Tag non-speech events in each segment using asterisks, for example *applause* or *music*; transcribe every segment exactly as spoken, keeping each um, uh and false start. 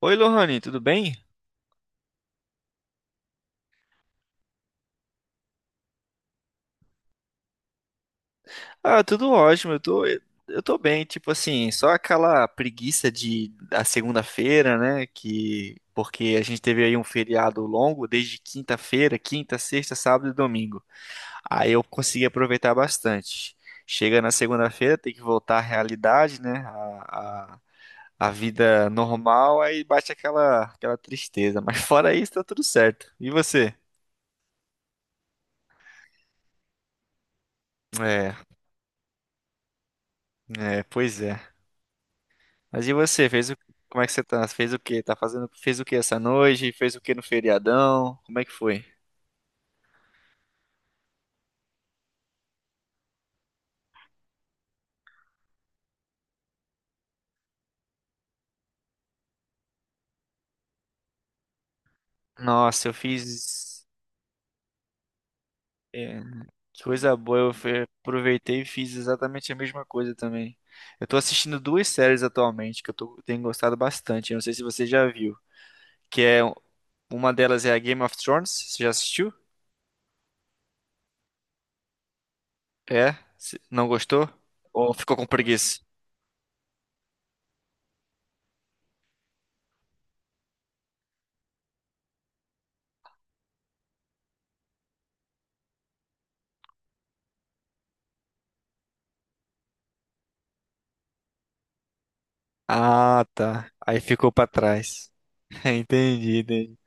Oi, Lohane, tudo bem? Ah, tudo ótimo, eu tô, eu tô bem, tipo assim, só aquela preguiça de da segunda-feira, né, que porque a gente teve aí um feriado longo desde quinta-feira, quinta, sexta, sábado e domingo. Aí eu consegui aproveitar bastante. Chega na segunda-feira, tem que voltar à realidade, né, a, a, a vida normal, aí bate aquela, aquela tristeza, mas fora isso tá tudo certo. E você? É, é, pois é. Mas e você, fez o... como é que você tá? Fez o quê? Tá fazendo... Fez o quê essa noite? Fez o quê no feriadão? Como é que foi? Nossa, eu fiz... É, que coisa boa, eu fe- aproveitei e fiz exatamente a mesma coisa também. Eu tô assistindo duas séries atualmente que eu tô... tenho gostado bastante, eu não sei se você já viu. Que é... um, Uma delas é a Game of Thrones, você já assistiu? É? Se- Não gostou? Ou ficou com preguiça? Ah, tá. Aí ficou pra trás. *laughs* Entendi, entendi.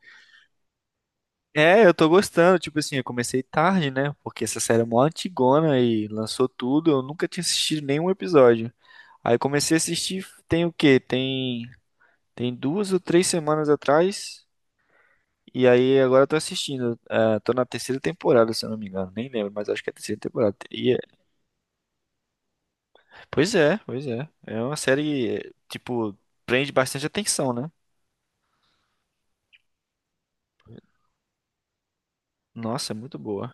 É, eu tô gostando. Tipo assim, eu comecei tarde, né? Porque essa série é mó antigona e lançou tudo. Eu nunca tinha assistido nenhum episódio. Aí comecei a assistir, tem o quê? Tem, tem duas ou três semanas atrás. E aí agora eu tô assistindo. É, tô na terceira temporada, se eu não me engano. Nem lembro, mas acho que é a terceira temporada. E é- pois é, pois é. É uma série, é, tipo, prende bastante atenção, né? Nossa, é muito boa.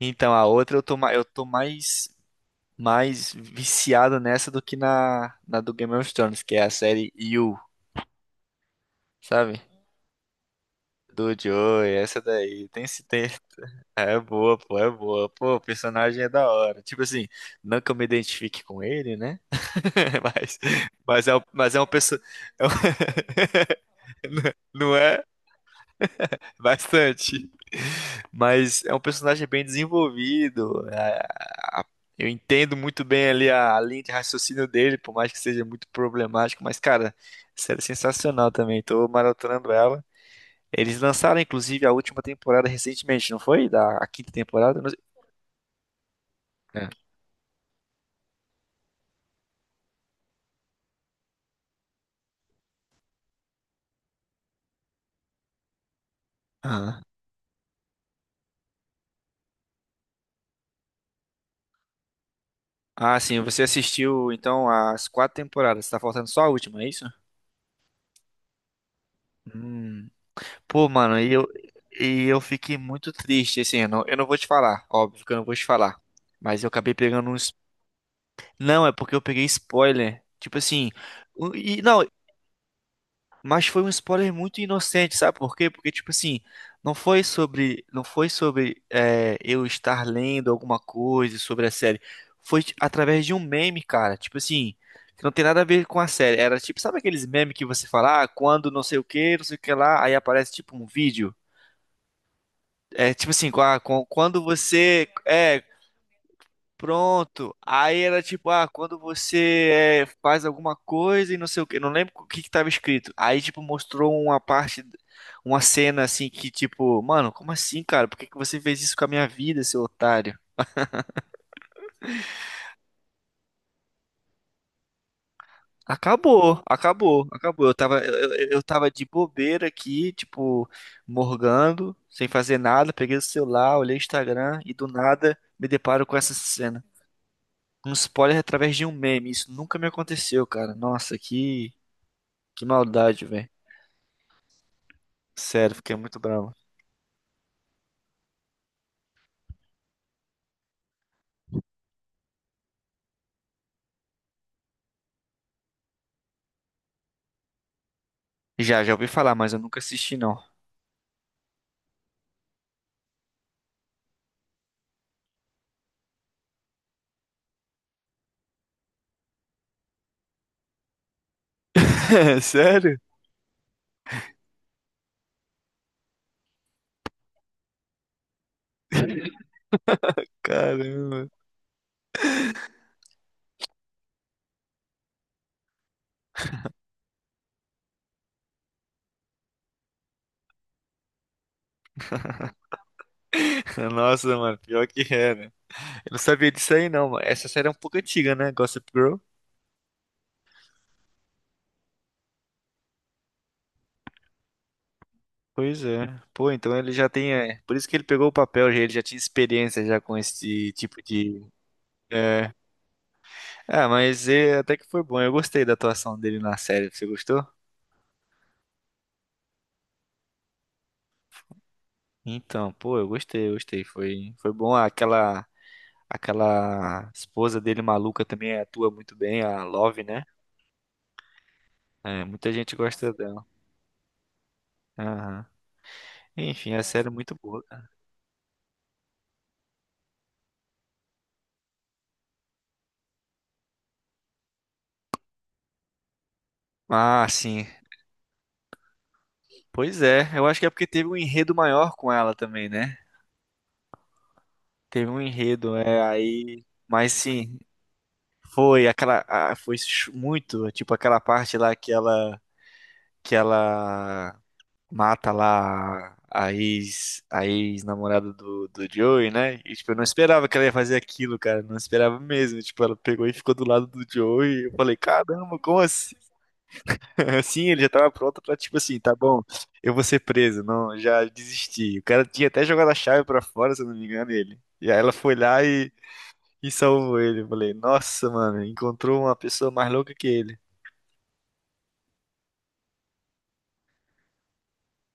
Então, a outra eu tô, ma- eu tô mais. Mais viciado nessa do que na, na do Game of Thrones, que é a série You, sabe? Do Joey, essa daí. Tem esse tem. É boa, pô, é boa. Pô, o personagem é da hora. Tipo assim, não que eu me identifique com ele, né? *laughs* Mas, mas é, um- mas é uma pessoa. é um- *laughs* não é. Bastante. Mas é um personagem bem desenvolvido. É, a- eu entendo muito bem ali a, a linha de raciocínio dele, por mais que seja muito problemático. Mas, cara, a série é sensacional também. Tô maratonando ela. Eles lançaram, inclusive, a última temporada recentemente, não foi? Da A quinta temporada? Não sei. É. Aham. Ah, sim. Você assistiu, então, as quatro temporadas. Tá faltando só a última, é isso? Hum. Pô, mano, e eu, e eu fiquei muito triste, assim, eu não, eu não vou te falar, óbvio que eu não vou te falar. Mas eu acabei pegando uns. Não, é porque eu peguei spoiler. Tipo assim. O- E, não, mas foi um spoiler muito inocente, sabe por quê? Porque, tipo assim, não foi sobre. Não foi sobre é, eu estar lendo alguma coisa sobre a série. Foi t- através de um meme, cara. Tipo assim. Que não tem nada a ver com a série. Era tipo, sabe aqueles memes que você fala, ah, quando não sei o que, não sei o que lá, aí aparece tipo um vídeo. É tipo assim, com a- com- quando você. É, pronto. Aí era tipo, ah, quando você é, faz alguma coisa e não sei o quê. Não lembro o que que tava escrito. Aí, tipo, mostrou uma parte, uma cena assim que, tipo, mano, como assim, cara? Por que que você fez isso com a minha vida, seu otário? Acabou, acabou, acabou. Eu tava, eu, eu eu tava de bobeira aqui, tipo, morgando, sem fazer nada. Peguei o celular, olhei o Instagram e do nada me deparo com essa cena. Um spoiler através de um meme. Isso nunca me aconteceu, cara. Nossa, que, que maldade, velho. Sério, fiquei muito bravo. Já, já ouvi falar, mas eu nunca assisti, não. *laughs* Sério? Caramba. Nossa, mano, pior que é, né? Eu não sabia disso aí, não, mano. Essa série é um pouco antiga, né? Gossip Girl. Pois é. Pô, então ele já tem. É, por isso que ele pegou o papel, já- ele já tinha experiência já com esse tipo de. É. Ah, mas é, até que foi bom. Eu gostei da atuação dele na série. Você gostou? Então, pô, eu gostei, eu gostei. Foi, foi bom. Aquela, aquela esposa dele maluca também atua muito bem, a Love, né? É, muita gente gosta dela. Aham. Enfim, a série é muito boa, cara. Ah, sim. Pois é, eu acho que é porque teve um enredo maior com ela também, né? Teve um enredo, é, aí. Mas sim, foi aquela. Ah, foi chu- muito, tipo, aquela parte lá que ela. Que ela mata lá a ex, a ex-namorada do, do Joey, né? E, tipo, eu não esperava que ela ia fazer aquilo, cara. Não esperava mesmo. Tipo, ela pegou e ficou do lado do Joey. Eu falei, caramba, como assim? *laughs* Assim, ele já tava pronto pra, tipo assim, tá bom, eu vou ser preso. Não, já desisti. O cara tinha até jogado a chave pra fora, se eu não me engano, ele. E aí ela foi lá e, e salvou ele. Eu falei, nossa, mano, encontrou uma pessoa mais louca que ele.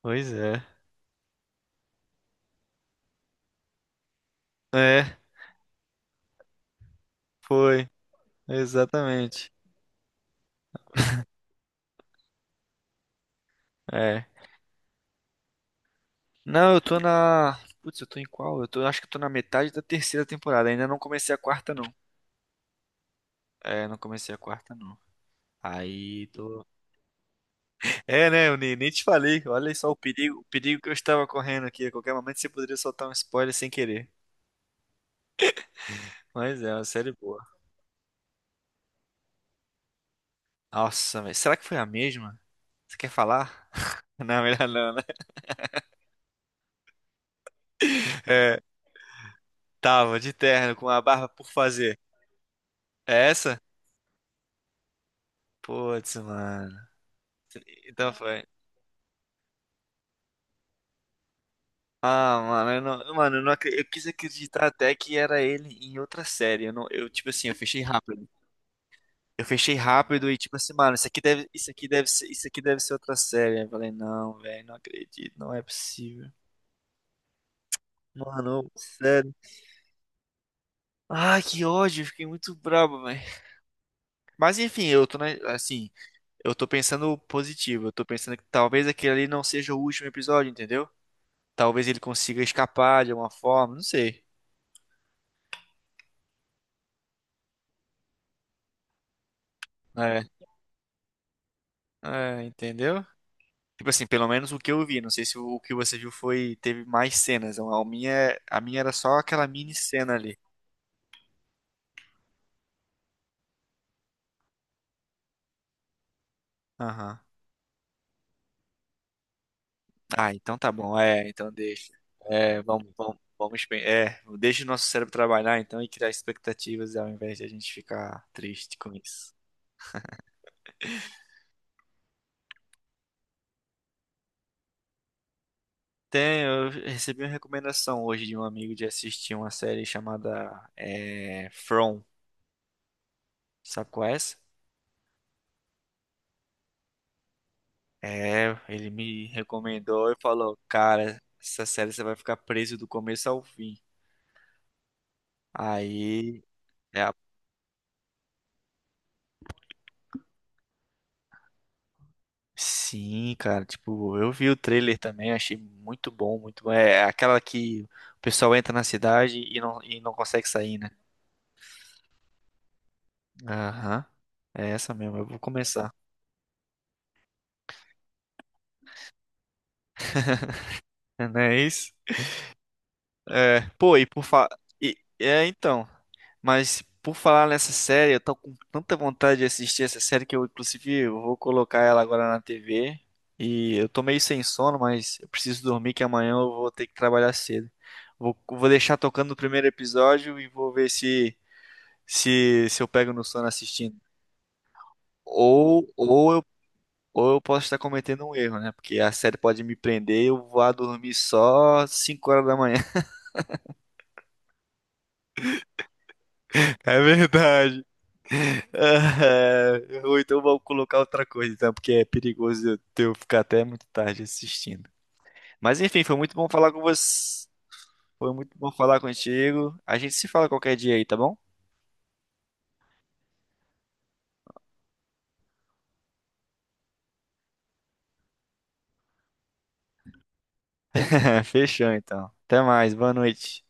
Pois é. É, foi. Exatamente. É. Não, eu tô na. Putz, eu tô em qual? Eu tô, acho que eu tô na metade da terceira temporada. Ainda não comecei a quarta, não. É, não comecei a quarta, não. Aí tô. É, né? Eu nem, nem te falei. Olha só o perigo, o perigo que eu estava correndo aqui. A qualquer momento você poderia soltar um spoiler sem querer. Mas é uma série boa. Nossa, velho. Será que foi a mesma? Você quer falar? *laughs* Não, melhor não, né? É, tava de terno com a barba por fazer. É essa? Putz, mano. Então foi. Ah, mano, eu não, mano, eu não acre- eu quis acreditar até que era ele em outra série. Eu não, eu tipo assim, eu fechei rápido. Eu fechei rápido e tipo assim, mano, isso aqui deve, isso aqui deve ser, isso aqui deve ser outra série. Aí eu falei, não, velho, não acredito, não é possível. Mano, sério. Ai, que ódio, eu fiquei muito brabo, velho. Mas enfim, eu tô, né, assim, eu tô pensando positivo. Eu tô pensando que talvez aquele ali não seja o último episódio, entendeu? Talvez ele consiga escapar de alguma forma, não sei. É, é, entendeu? Tipo assim, pelo menos o que eu vi, não sei se o que você viu foi, teve mais cenas. A minha, a minha era só aquela mini cena ali. Aham. Ah, então tá bom. É, então deixa. É, vamos, vamos, vamos, pe- é, deixa o nosso cérebro trabalhar então e criar expectativas ao invés de a gente ficar triste com isso. Tem, eu recebi uma recomendação hoje de um amigo de assistir uma série chamada é, From. Sabe qual é essa? É, ele me recomendou e falou, cara, essa série você vai ficar preso do começo ao fim. Aí, é a- sim, cara, tipo, eu vi o trailer também, achei muito bom, muito bom. É é aquela que o pessoal entra na cidade e não, e não consegue sair, né? Aham, é essa mesmo, eu vou começar. *laughs* Não é isso? É, pô, e por falar. É, então. Mas por falar nessa série, eu tô com tanta vontade de assistir essa série que eu, inclusive, eu vou colocar ela agora na T V. E eu tô meio sem sono, mas eu preciso dormir que amanhã eu vou ter que trabalhar cedo. Vou, vou deixar tocando o primeiro episódio e vou ver se, se, se eu pego no sono assistindo. Ou, ou eu, ou eu posso estar cometendo um erro, né? Porque a série pode me prender e eu vou lá dormir só cinco horas da manhã. *laughs* É verdade. Ah, ou então vamos colocar outra coisa, então, porque é perigoso eu eu ficar até muito tarde assistindo. Mas enfim, foi muito bom falar com você. Foi muito bom falar contigo. A gente se fala qualquer dia aí, tá bom? *laughs* Fechou então. Até mais, boa noite.